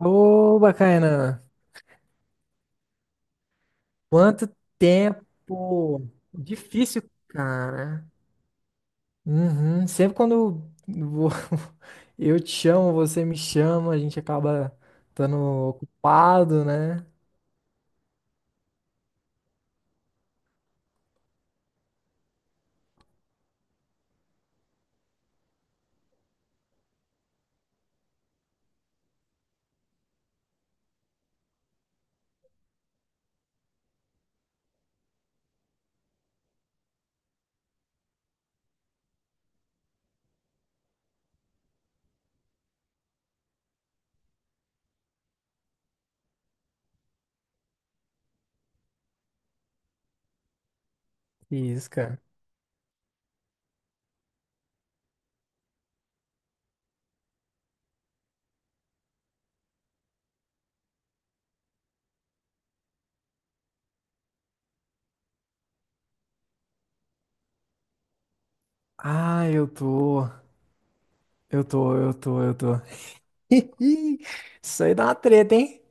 Ô, bacana. Quanto tempo! Difícil, cara. Uhum. Sempre quando vou- eu te chamo, você me chama, a gente acaba estando ocupado, né? Isso, cara. Ah, eu tô. Eu tô. Isso aí dá uma treta, hein?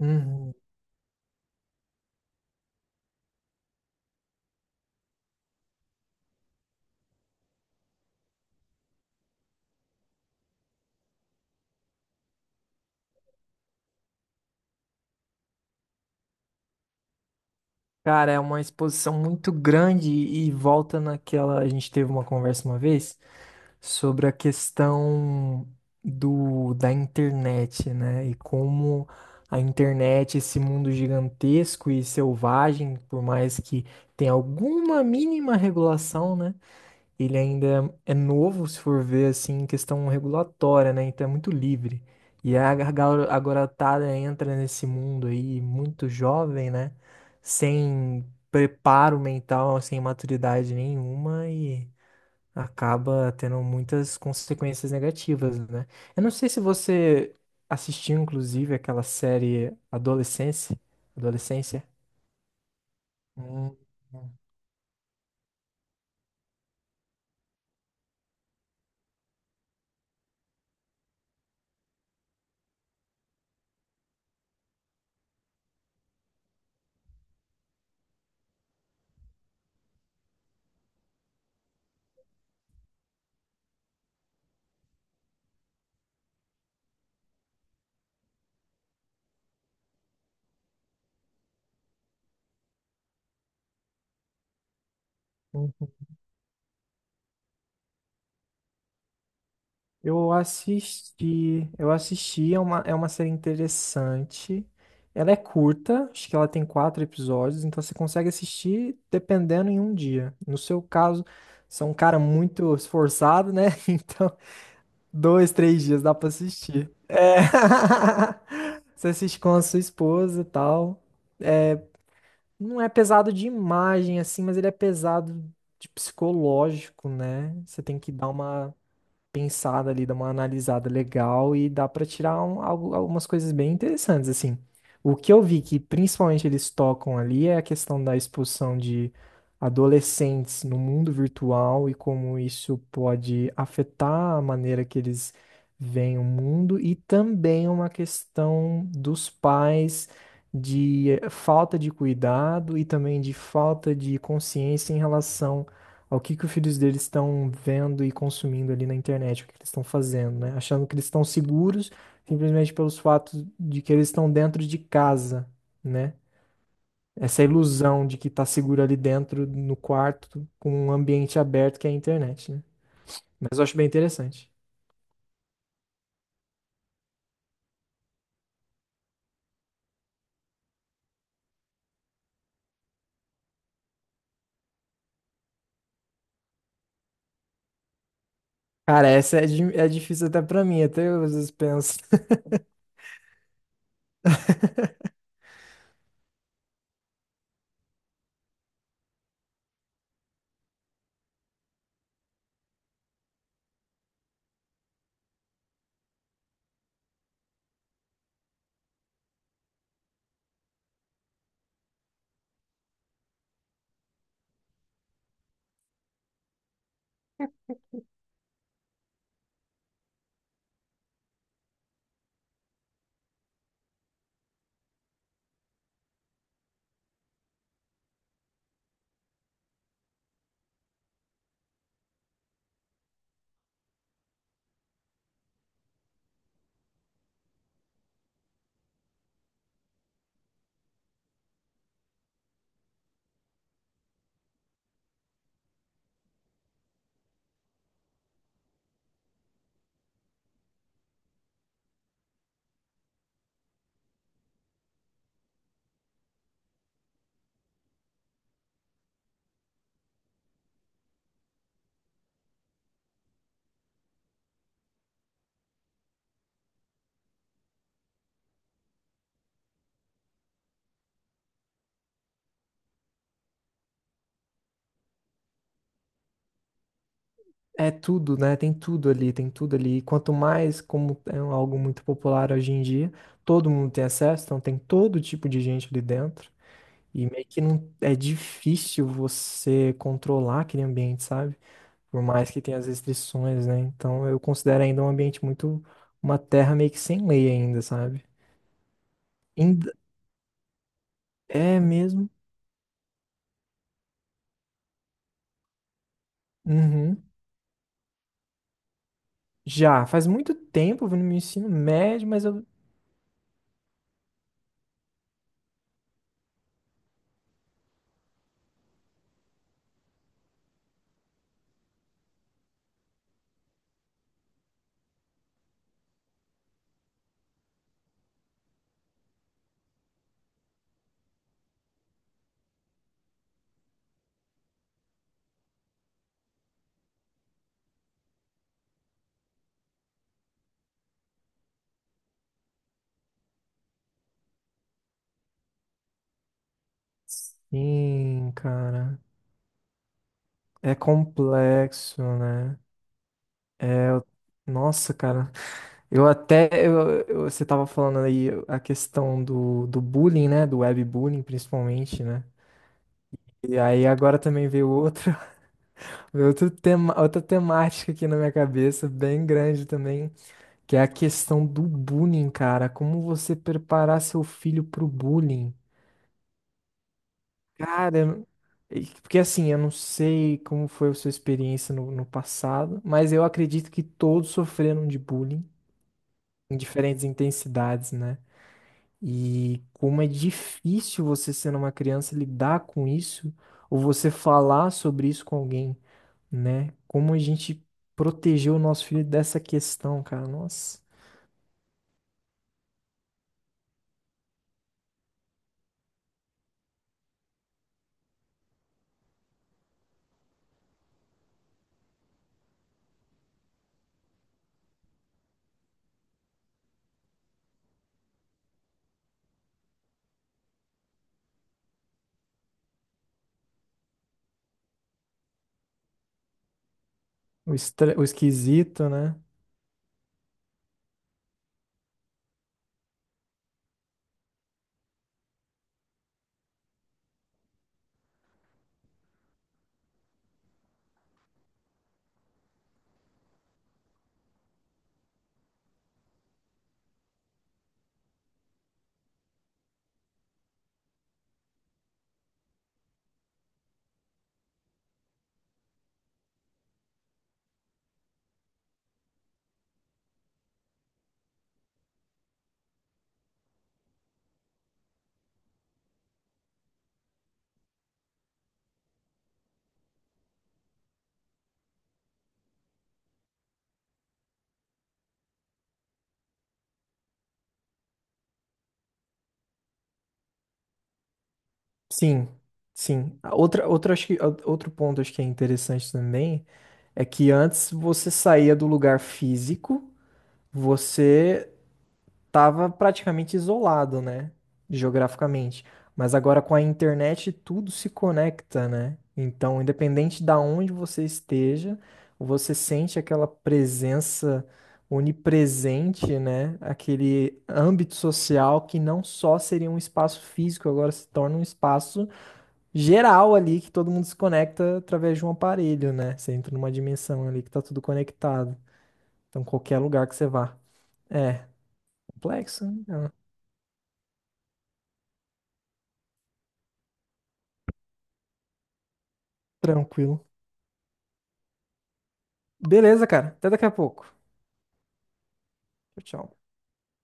Uhum. Cara, é uma exposição muito grande e volta naquela. A gente teve uma conversa uma vez sobre a questão da internet, né? E como a internet, esse mundo gigantesco e selvagem, por mais que tenha alguma mínima regulação, né? Ele ainda é novo, se for ver assim, em questão regulatória, né? Então é muito livre. E a garotada entra nesse mundo aí muito jovem, né? Sem preparo mental, sem maturidade nenhuma e acaba tendo muitas consequências negativas, né? Eu não sei se você assistiu, inclusive, aquela série Adolescência. Adolescência. Hum, hum. Eu assisti, é uma série interessante. Ela é curta, acho que ela tem quatro episódios, então você consegue assistir dependendo em um dia. No seu caso, você é um cara muito esforçado, né? Então dois, três dias dá pra assistir. É. Você assiste com a sua esposa e tal. Não é pesado de imagem, assim, mas ele é pesado de psicológico, né? Você tem que dar uma pensada ali, dá uma analisada legal e dá pra tirar algumas coisas bem interessantes, assim. O que eu vi que principalmente eles tocam ali é a questão da expulsão de adolescentes no mundo virtual e como isso pode afetar a maneira que eles veem o mundo e também uma questão dos pais de falta de cuidado e também de falta de consciência em relação ao que os filhos deles estão vendo e consumindo ali na internet, o que que eles estão fazendo, né? Achando que eles estão seguros simplesmente pelos fatos de que eles estão dentro de casa, né? Essa ilusão de que tá seguro ali dentro, no quarto, com um ambiente aberto que é a internet, né? Mas eu acho bem interessante. Cara, essa é, é difícil até pra mim, até eu às vezes penso. É tudo, né? Tem tudo ali, tem tudo ali. E quanto mais, como é algo muito popular hoje em dia, todo mundo tem acesso, então tem todo tipo de gente ali dentro. E meio que não é difícil você controlar aquele ambiente, sabe? Por mais que tenha as restrições, né? Então eu considero ainda um ambiente muito, uma terra meio que sem lei ainda, sabe? Ainda é mesmo. Uhum. Já faz muito tempo, eu vim no meu ensino médio, mas eu sim, cara. É complexo, né? É, eu- nossa, cara. Eu até eu- você tava falando aí a questão do bullying, né? Do webbullying, principalmente, né? E aí agora também veio outro, veio outro tema, outra temática aqui na minha cabeça, bem grande também, que é a questão do bullying, cara. Como você preparar seu filho pro bullying? Cara, eu- porque assim, eu não sei como foi a sua experiência no passado, mas eu acredito que todos sofreram de bullying em diferentes intensidades, né? E como é difícil você sendo uma criança lidar com isso ou você falar sobre isso com alguém, né? Como a gente protegeu o nosso filho dessa questão, cara. Nossa, o, o esquisito, né? Sim, sim. A Outra, outra, acho que, a- outro ponto acho que é interessante também é que antes você saía do lugar físico, você tava praticamente isolado, né? Geograficamente. Mas agora com a internet tudo se conecta, né? Então, independente da onde você esteja, você sente aquela presença onipresente, né? Aquele âmbito social que não só seria um espaço físico, agora se torna um espaço geral ali que todo mundo se conecta através de um aparelho, né? Você entra numa dimensão ali que tá tudo conectado. Então, qualquer lugar que você vá. É complexo, né? É. Tranquilo. Beleza, cara. Até daqui a pouco. Tchau, tchau.